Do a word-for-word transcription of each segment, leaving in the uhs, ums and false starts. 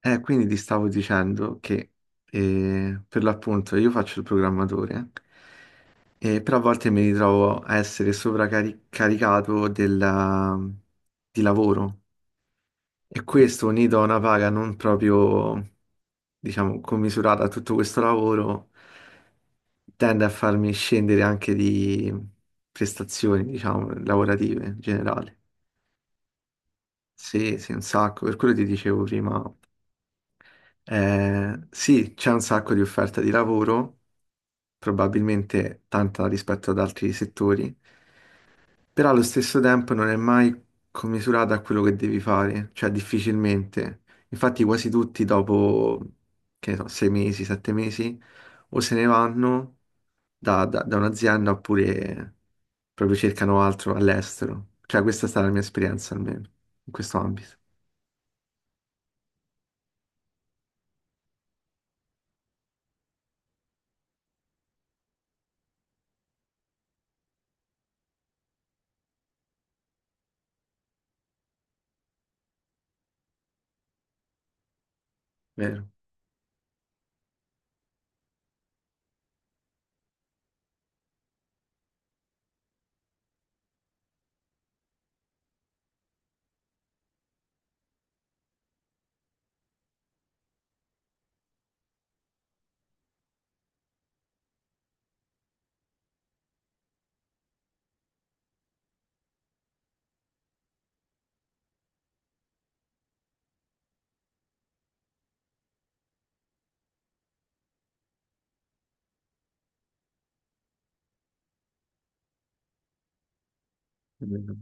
Eh, quindi ti stavo dicendo che eh, per l'appunto io faccio il programmatore, eh, però a volte mi ritrovo a essere sovraccaricato della- di lavoro, e questo unito a una paga non proprio, diciamo, commisurata a tutto questo lavoro, tende a farmi scendere anche di prestazioni, diciamo, lavorative in generale. Sì, sì, un sacco, per quello ti dicevo prima. Eh, sì, c'è un sacco di offerta di lavoro, probabilmente tanta rispetto ad altri settori, però allo stesso tempo non è mai commisurata a quello che devi fare, cioè difficilmente. Infatti quasi tutti dopo, che ne so, sei mesi, sette mesi, o se ne vanno da, da- da un'azienda oppure proprio cercano altro all'estero. Cioè questa è stata la mia esperienza almeno in questo ambito, vero?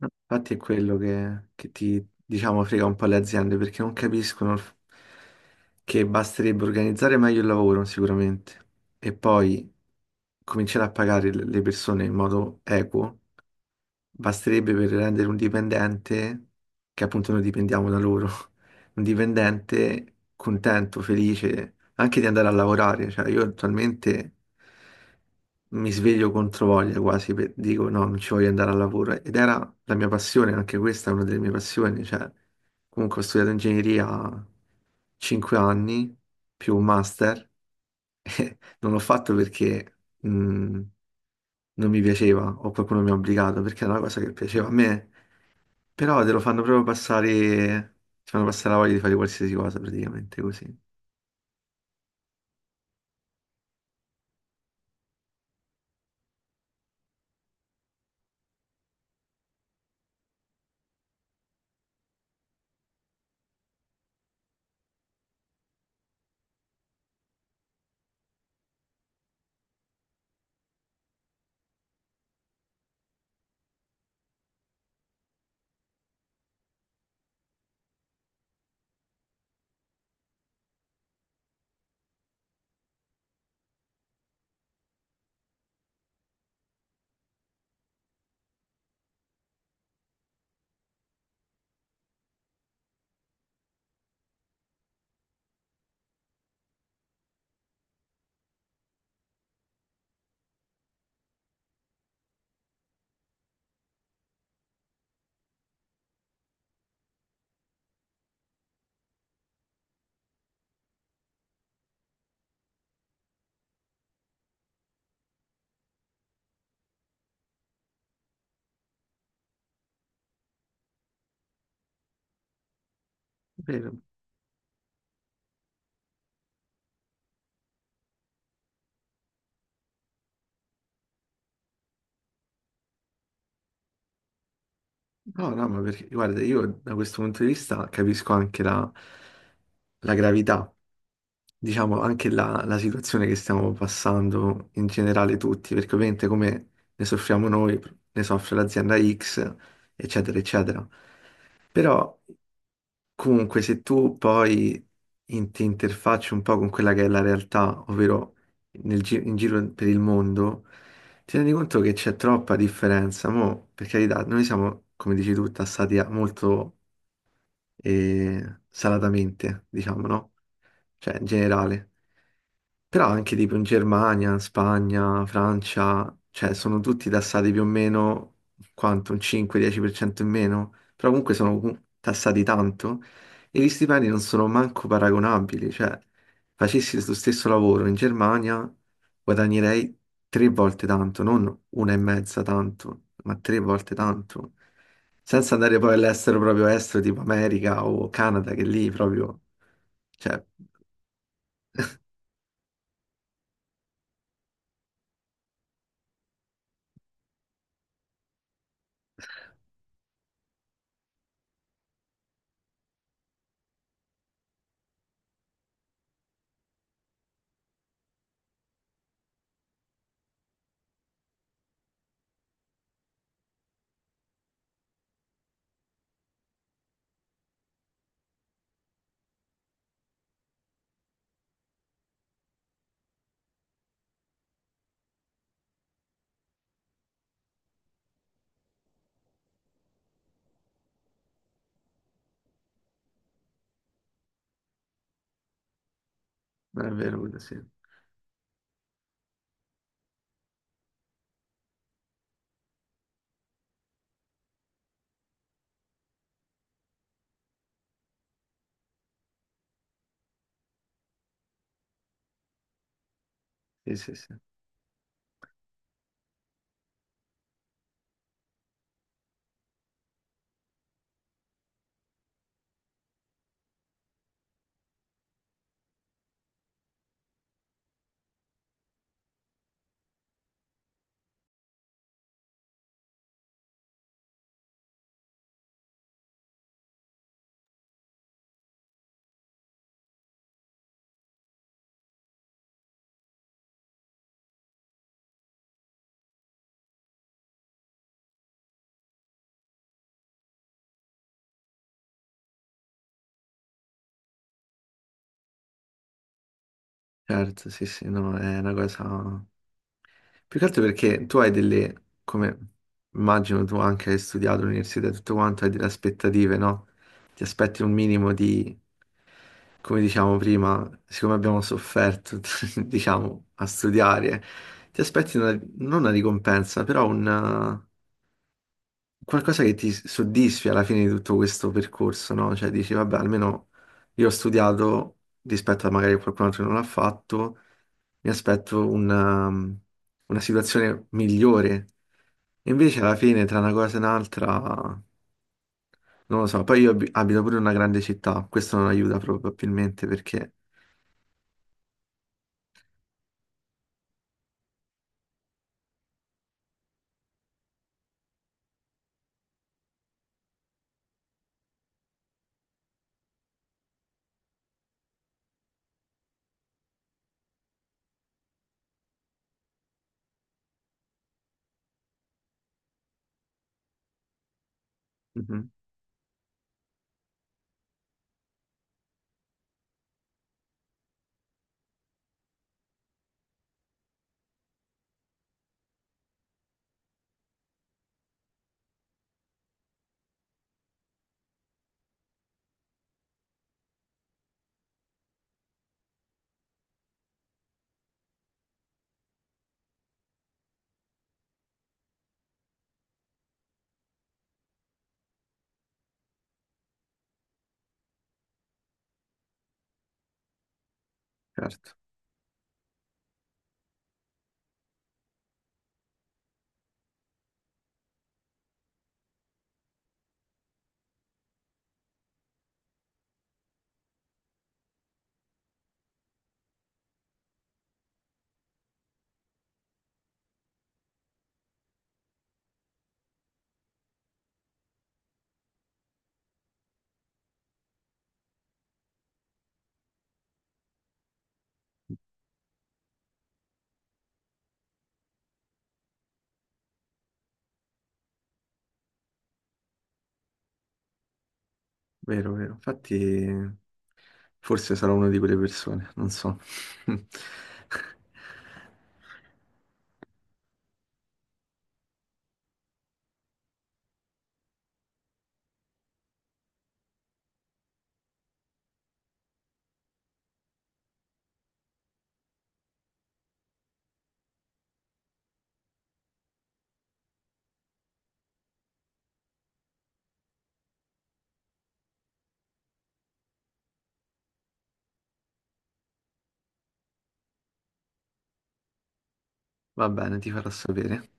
No, Infatti è quello che, che ti, diciamo, frega un po' le aziende perché non capiscono il f- che basterebbe organizzare meglio il lavoro sicuramente, e poi cominciare a pagare le le persone in modo equo, basterebbe per rendere un dipendente, che appunto noi dipendiamo da loro, un dipendente contento, felice anche di andare a lavorare. Cioè, io attualmente mi sveglio contro voglia quasi, per- dico no, non ci voglio andare al lavoro. Ed era la mia passione, anche questa è una delle mie passioni. Cioè, comunque ho studiato ingegneria cinque anni più un master. Non l'ho fatto perché mm, non mi piaceva o qualcuno mi ha obbligato, perché era una cosa che piaceva a me, però te lo fanno proprio passare, ti fanno passare la voglia di fare qualsiasi cosa praticamente così. Vero. No, no, ma perché, guarda, io da questo punto di vista capisco anche la, la gravità, diciamo, anche la, la situazione che stiamo passando in generale tutti, perché ovviamente come ne soffriamo noi, ne soffre l'azienda X, eccetera, eccetera. Però comunque se tu poi in- ti interfacci un po' con quella che è la realtà, ovvero nel gi- in giro per il mondo, ti rendi conto che c'è troppa differenza, mo? Per carità, noi siamo, come dici tu, tassati a- molto e salatamente, diciamo, no? Cioè, in generale. Però anche tipo in Germania, Spagna, Francia, cioè sono tutti tassati più o meno quanto, un cinque dieci per cento in meno, però comunque sono comu- tassati tanto, e gli stipendi non sono manco paragonabili, cioè facessi lo stesso lavoro in Germania guadagnerei tre volte tanto, non una e mezza tanto, ma tre volte tanto. Senza andare poi all'estero proprio estero, tipo America o Canada, che lì proprio, cioè, è vero, sì. Sì, sì, sì. Certo, sì, sì, no, è una cosa. Più che altro perché tu hai delle, come immagino tu anche hai studiato all'università e tutto quanto, hai delle aspettative, no? Ti aspetti un minimo di, come diciamo prima, siccome abbiamo sofferto, diciamo, a studiare, ti aspetti una- non una ricompensa, però un qualcosa che ti soddisfi alla fine di tutto questo percorso, no? Cioè dici, vabbè, almeno io ho studiato rispetto a magari qualcun altro che non l'ha fatto, mi aspetto una, una situazione migliore. E invece alla fine, tra una cosa e un'altra, non lo so, poi io abi- abito pure in una grande città, questo non aiuta probabilmente perché... Mhm, certo, vero, vero. Infatti, forse sarò una di quelle persone, non so. Va bene, ti farò sapere.